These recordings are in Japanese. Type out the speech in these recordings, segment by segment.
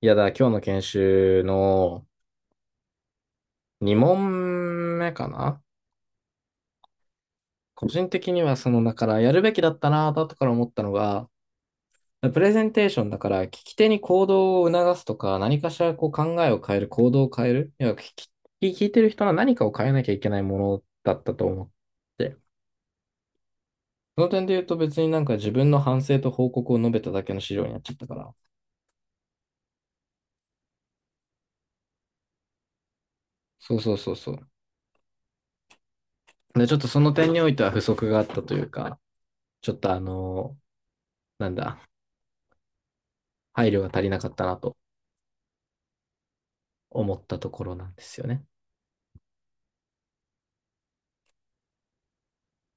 いやだ、今日の研修の2問目かな。個人的にはだからやるべきだったなぁと後から思ったのが、プレゼンテーションだから聞き手に行動を促すとか、何かしらこう考えを変える、行動を変える、聞いてる人は何かを変えなきゃいけないものだったと思って、その点で言うと別になんか自分の反省と報告を述べただけの資料になっちゃったから、そうそうそうそう。で、ちょっとその点においては不足があったというか、ちょっとあの、なんだ、配慮が足りなかったなと思ったところなんですよね。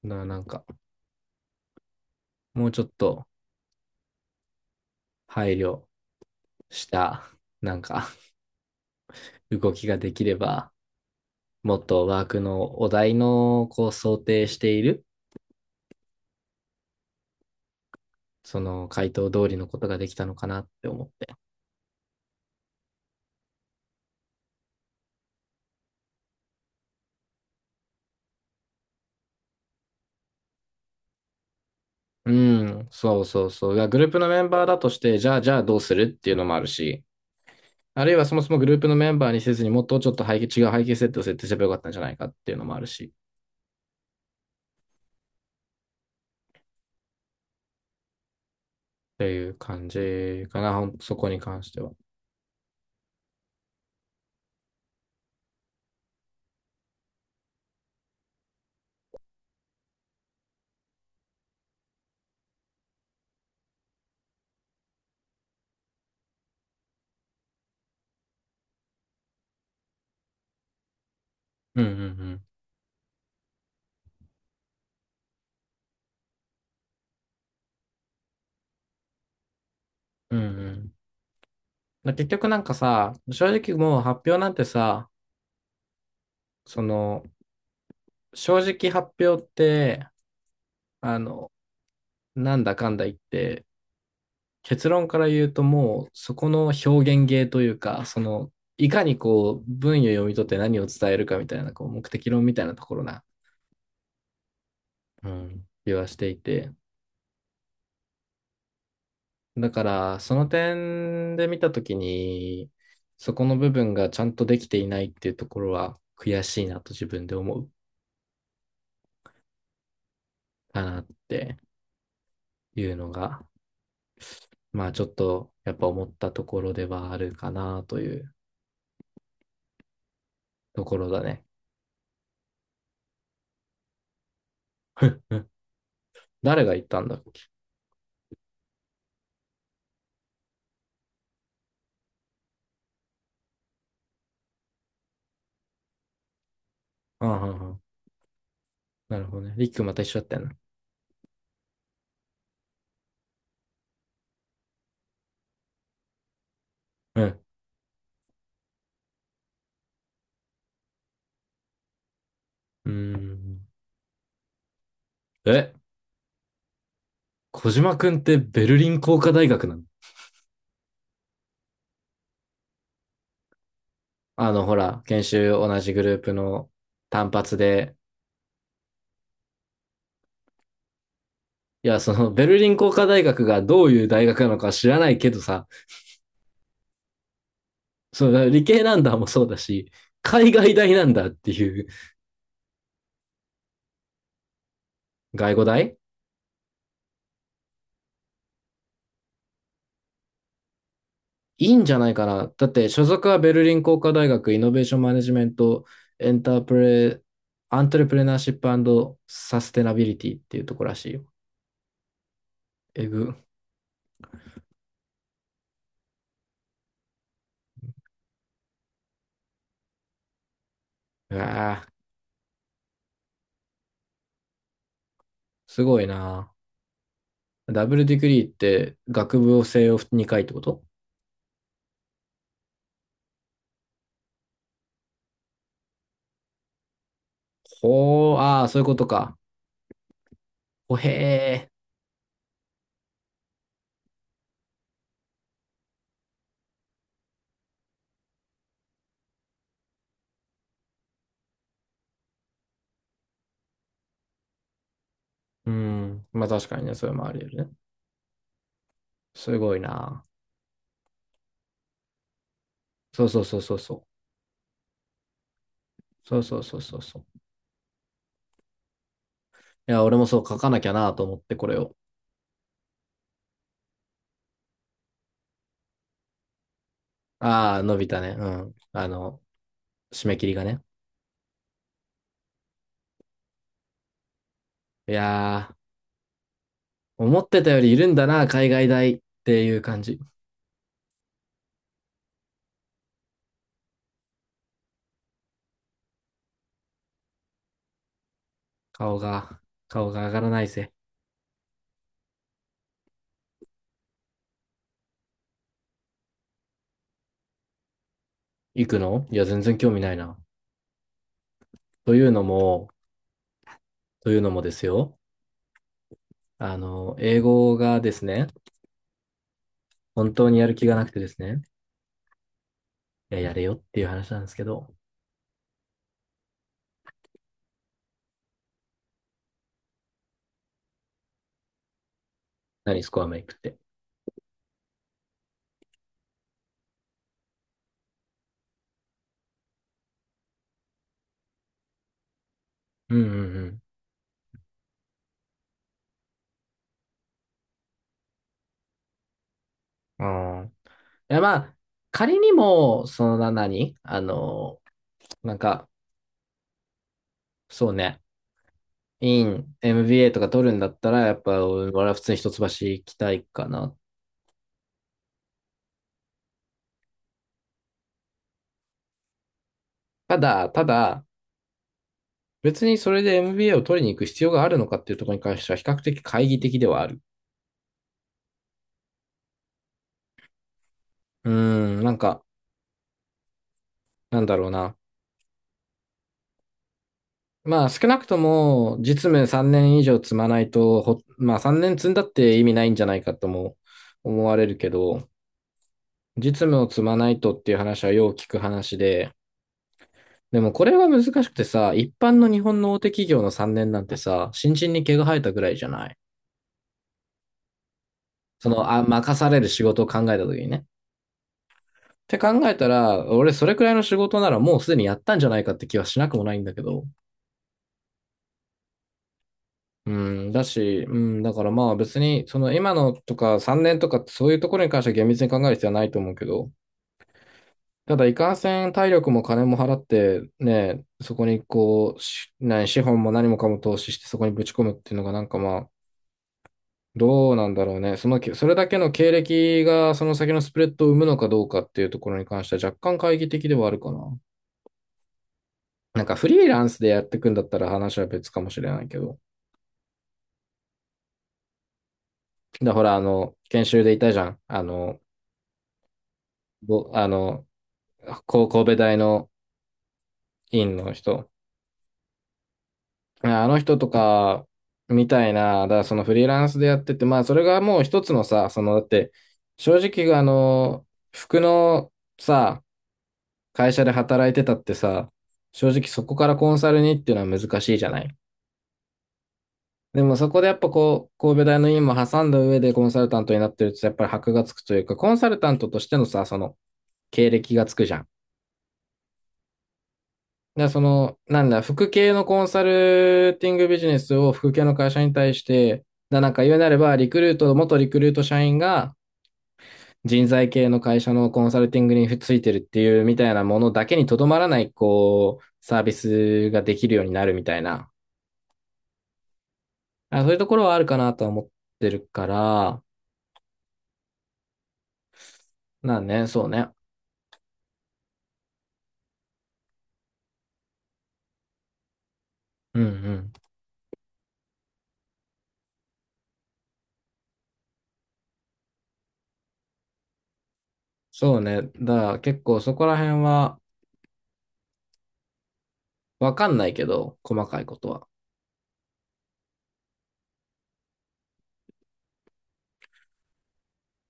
だからなんか、もうちょっと配慮した、なんか、動きができれば、もっとワークのお題の、こう、想定している、その回答通りのことができたのかなって思って。うん、そうそうそう。がグループのメンバーだとして、じゃあどうするっていうのもあるし、あるいはそもそもグループのメンバーにせずにもっとちょっと背景、違う背景設定を設定すればよかったんじゃないかっていうのもあるし、っていう感じかな、そこに関しては。うんうんうん。うんうん。まあ結局なんかさ、正直もう発表なんてさ、その、正直発表って、あの、なんだかんだ言って、結論から言うともうそこの表現芸というか、その、いかにこう、文を読み取って何を伝えるかみたいな、こう、目的論みたいなところな、うん、気はしていて。だから、その点で見たときに、そこの部分がちゃんとできていないっていうところは悔しいなと自分で思うかなっていうのがまあちょっとやっぱ思ったところではあるかなというところだね。うん。誰が言ったんだっけ。ああ、ああなるほどね。リックまた一緒だったよな。うん。うーん。え、小島くんってベルリン工科大学なの？あの、ほら、研修同じグループの単発で、いや、そのベルリン工科大学がどういう大学なのか知らないけどさ、その理系なんだもそうだし、海外大なんだっていう。外語大いいんじゃないかな。だって所属はベルリン工科大学イノベーションマネジメントエンタープレ、アントレプレナーシップサステナビリティっていうとこらしいよ。えぐ。うわぁ、すごいな。ダブルディグリーって学部を西洋2回ってこと？ほー、ああ、そういうことか。ほへー。うん。まあ確かにね、それもあり得るね。すごいな。そうそうそうそうそう。そうそうそうそうそう。いや、俺もそう書かなきゃなと思って、これを。ああ、伸びたね。うん。あの、締め切りがね。いやー、思ってたよりいるんだな、海外大っていう感じ。顔が、顔が上がらないぜ。行くの？いや、全然興味ないな。というのも、というのもですよ。あの、英語がですね、本当にやる気がなくてですね、いや、やれよっていう話なんですけど、何スコアメイクって。うんうんうん。あん。いや、まあ、仮にも、そのな何、あの、なんか、そうね、イン、MBA とか取るんだったら、やっぱ俺は普通に一橋行きたいかな。ただ、ただ、別にそれで MBA を取りに行く必要があるのかっていうところに関しては比較的懐疑的ではある。うーん、なんだろうな。まあ少なくとも実務3年以上積まないと、ほまあ3年積んだって意味ないんじゃないかとも思われるけど、実務を積まないとっていう話はよう聞く話で、でもこれは難しくてさ、一般の日本の大手企業の3年なんてさ、新人に毛が生えたぐらいじゃない？任される仕事を考えた時にね。って考えたら、俺それくらいの仕事ならもうすでにやったんじゃないかって気はしなくもないんだけど。うん、だし、うん、だからまあ別に、その今のとか3年とかそういうところに関しては厳密に考える必要はないと思うけど、ただいかんせん体力も金も払ってね、そこに、資本も何もかも投資してそこにぶち込むっていうのがなんかまあ、どうなんだろうね。その、それだけの経歴がその先のスプレッドを生むのかどうかっていうところに関しては若干懐疑的ではあるかな。なんかフリーランスでやっていくんだったら話は別かもしれないけど。ほら、研修でいたじゃん。あの、神戸大の院の人。ああの人とか、みたいな、だからそのフリーランスでやってて、まあそれがもう一つのさ、その、だって、正直あの、服のさ、会社で働いてたってさ、正直そこからコンサルにっていうのは難しいじゃない。でもそこでやっぱこう、神戸大の院も挟んだ上でコンサルタントになってるとやっぱり箔がつくというか、コンサルタントとしてのさ、その経歴がつくじゃん。で、その、なんだ、副系のコンサルティングビジネスを副系の会社に対して、だなんか言うなれば、リクルート、元リクルート社員が人材系の会社のコンサルティングについてるっていうみたいなものだけにとどまらない、こう、サービスができるようになるみたいな。あ、そういうところはあるかなとは思ってるから、まあね、そうね。うんうん。そうね。だから結構そこら辺はわかんないけど、細かいことは。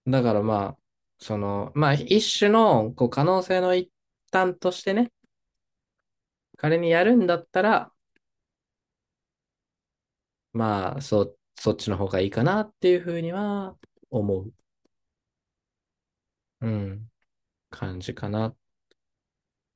だからまあ、その、まあ一種のこう可能性の一端としてね、彼にやるんだったら、まあそっちの方がいいかなっていうふうには思う、うん、感じかな